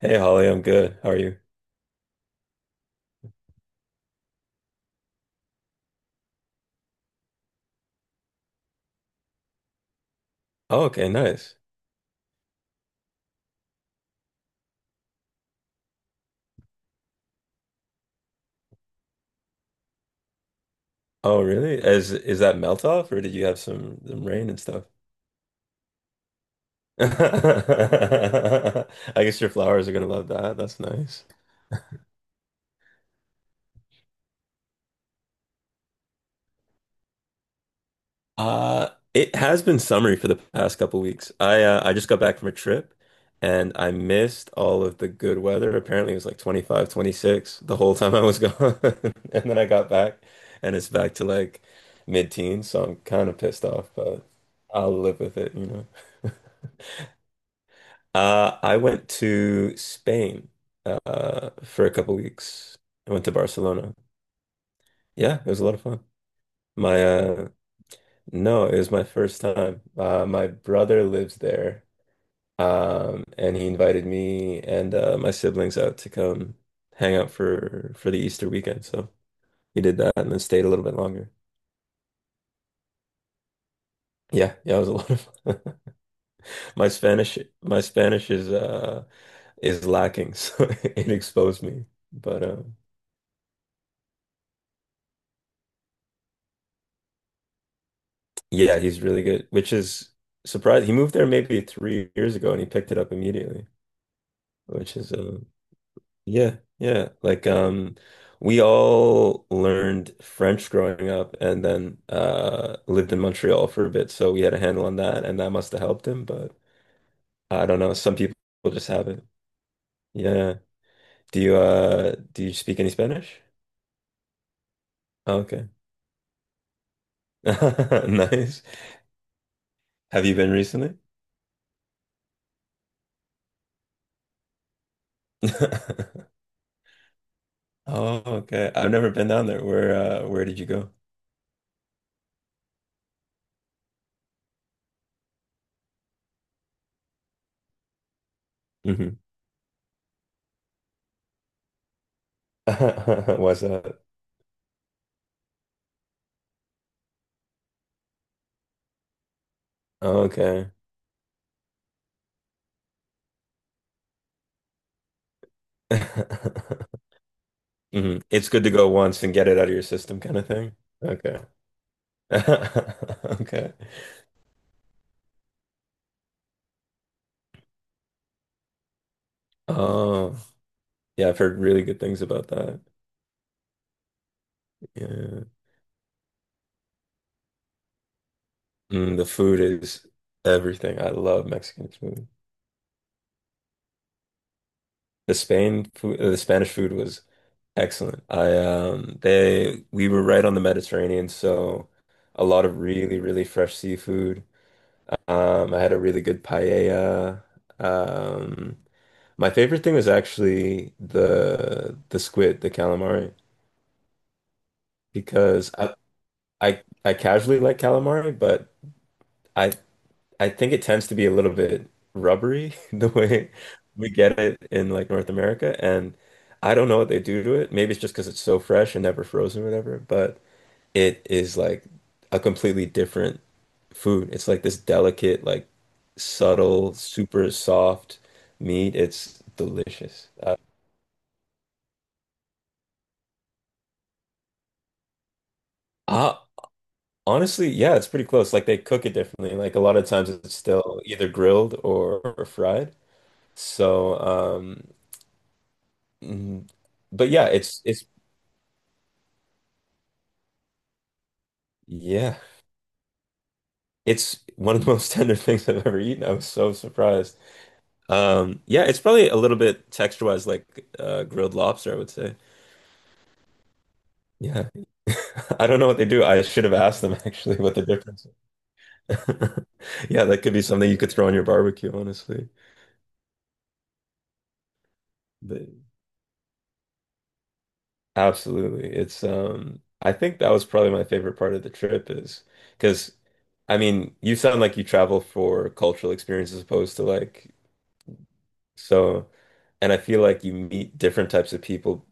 Hey Holly, I'm good. How are you? Oh, okay, nice. Oh, really? Is that melt off or did you have some rain and stuff? I guess your flowers are gonna love that. That's nice. Uh, it has been summery for the past couple weeks. I just got back from a trip and I missed all of the good weather. Apparently it was like 25, 26 the whole time I was gone. And then I got back and it's back to like mid-teens, so I'm kind of pissed off, but I'll live with it. I went to Spain for a couple weeks. I went to Barcelona. Yeah, it was a lot of fun. My No, it was my first time. My brother lives there, and he invited me and my siblings out to come hang out for the Easter weekend. So we did that and then stayed a little bit longer. Yeah, yeah, it was a lot of fun. My Spanish is lacking, so it exposed me. But Yeah, he's really good, which is surprising. He moved there maybe 3 years ago and he picked it up immediately, which is yeah, yeah. We all learned French growing up and then lived in Montreal for a bit, so we had a handle on that and that must have helped him, but I don't know. Some people just have it. Yeah. Do you speak any Spanish? Oh, okay. Nice. Have you been recently? Oh, okay. I've never been down there. Where did you go? Hmm. What's that? Oh, okay. Hmm. It's good to go once and get it out of your system kind of thing. Okay. Okay. Oh, yeah, I've heard really good things about that. Yeah. Mm, the food is everything. I love Mexican food. The Spain food, the Spanish food was excellent. I they We were right on the Mediterranean, so a lot of really, really fresh seafood. I had a really good paella. Um, My favorite thing was actually the squid, the calamari, because I casually like calamari, but I I think it tends to be a little bit rubbery the way we get it in like North America, and I don't know what they do to it. Maybe it's just because it's so fresh and never frozen or whatever, but it is like a completely different food. It's like this delicate, like subtle, super soft meat. It's delicious. I Honestly, yeah, it's pretty close. Like they cook it differently. Like a lot of times it's still either grilled or fried. So, mm, but yeah, it's yeah, it's one of the most tender things I've ever eaten. I was so surprised. Yeah, it's probably a little bit texture-wise like grilled lobster, I would say. Yeah. I don't know what they do. I should have asked them actually what the difference is. Yeah, that could be something you could throw on your barbecue, honestly. But. Absolutely. It's I think that was probably my favorite part of the trip is because you sound like you travel for cultural experience as opposed to so and I feel like you meet different types of people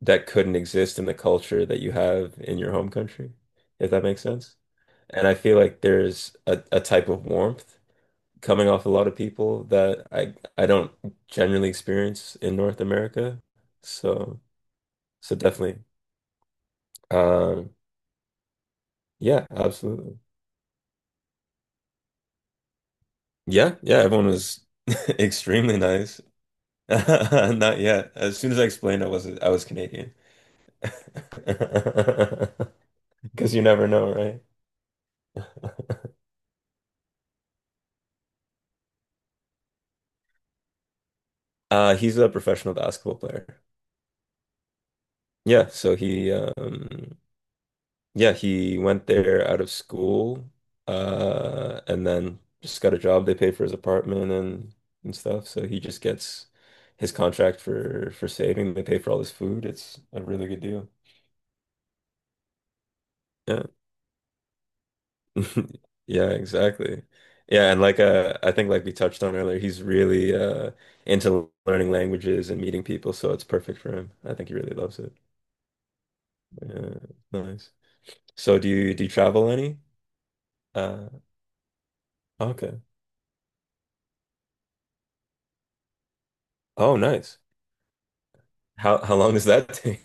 that couldn't exist in the culture that you have in your home country, if that makes sense. And I feel like there's a type of warmth coming off a lot of people that I don't generally experience in North America. So so definitely. Um yeah, absolutely. Yeah, yeah, everyone was extremely nice. Not yet. As soon as I explained I was Canadian. Because you never know, right? He's a professional basketball player. Yeah, so he yeah, he went there out of school and then just got a job. They paid for his apartment and stuff. So he just gets his contract for saving. They pay for all his food. It's a really good deal. Yeah. Yeah, exactly. Yeah, and like I think like we touched on earlier, he's really into learning languages and meeting people, so it's perfect for him. I think he really loves it. Yeah, nice. So do you travel any? Uh, okay. Oh, nice. How long does that take?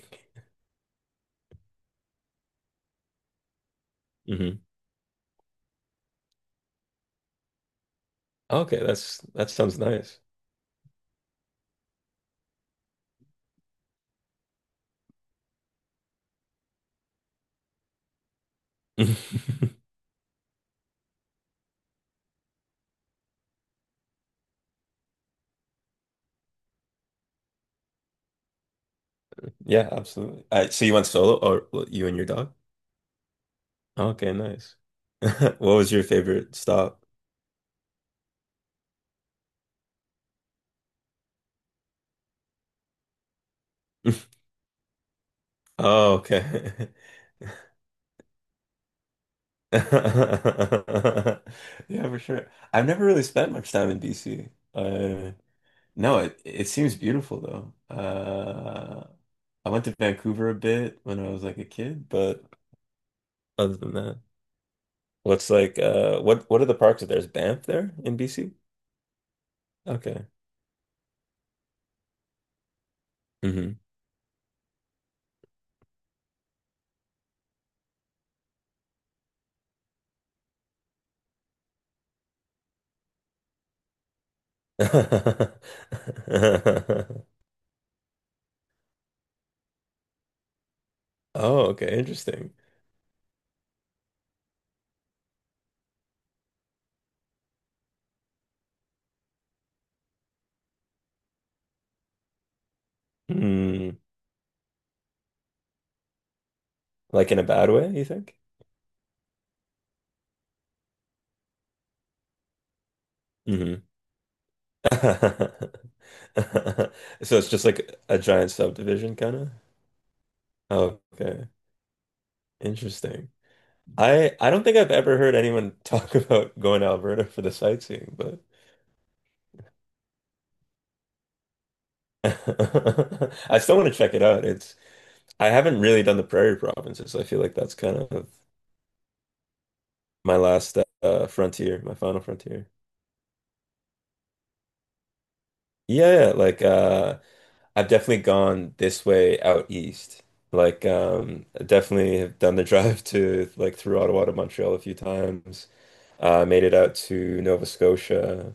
Hmm. Okay, that's that sounds nice. Yeah, absolutely. So you went solo, or well, you and your dog? Okay, nice. What was your favorite stop? Oh, okay. Yeah, for sure. I've never really spent much time in BC. No, it seems beautiful though. I went to Vancouver a bit when I was like a kid, but other than that, what's like what are the parks that there's Banff there in BC? Okay. Hmm. Oh, okay, interesting. Hmm. Like in a bad way, you think? Mm-hmm. So it's just like a giant subdivision kind of? Oh, okay. Interesting. I don't think I've ever heard anyone talk about going to Alberta for the sightseeing, but I still want to check it out. It's I haven't really done the prairie provinces. I feel like that's kind of my last frontier, my final frontier. Yeah, yeah, like I've definitely gone this way out east. Like, I definitely have done the drive to like through Ottawa to Montreal a few times. Made it out to Nova Scotia.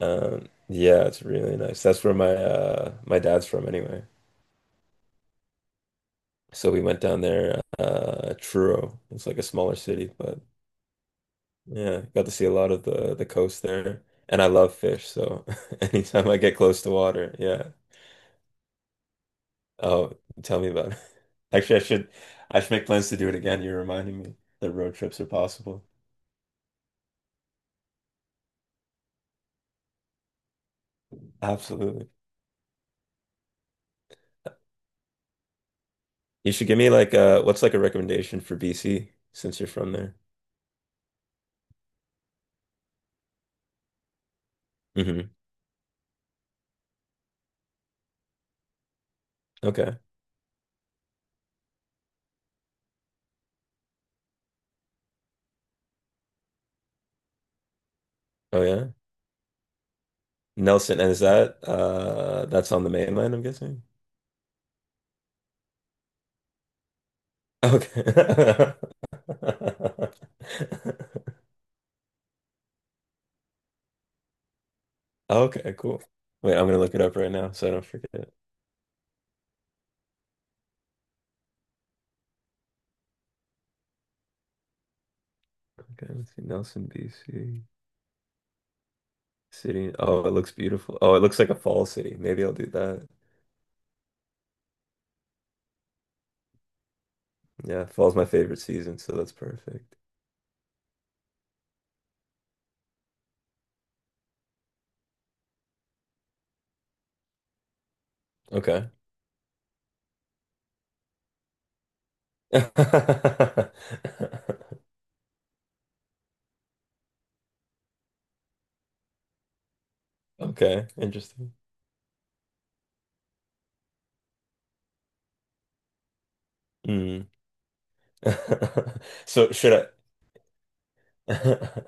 Yeah, it's really nice. That's where my dad's from anyway. So we went down there, Truro. It's like a smaller city, but yeah, got to see a lot of the coast there. And I love fish, so anytime I get close to water, yeah, oh, tell me about it. Actually, I should make plans to do it again. You're reminding me that road trips are possible. Absolutely. You should give me like what's like a recommendation for BC since you're from there. Hmm. Okay. Oh yeah. Nelson, and is that that's on the mainland, I'm guessing? Okay. Okay, cool. Wait, I'm gonna look it up right now so I don't forget. Okay, let's see. Nelson, BC. City. Oh, it looks beautiful. Oh, it looks like a fall city. Maybe I'll do that. Yeah, fall's my favorite season, so that's perfect. Okay. Okay, interesting. Mm. So should I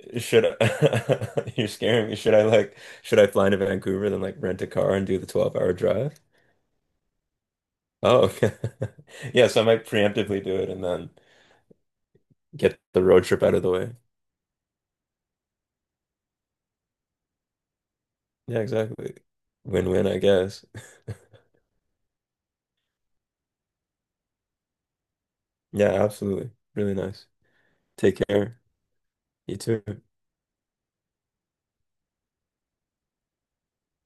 should I you're scaring me. Should I fly into Vancouver then like rent a car and do the 12-hour drive? Oh, okay. Yeah, so I might preemptively do it and then get the road trip out of the way. Yeah, exactly. Win-win, I guess. Yeah, absolutely. Really nice. Take care. You too.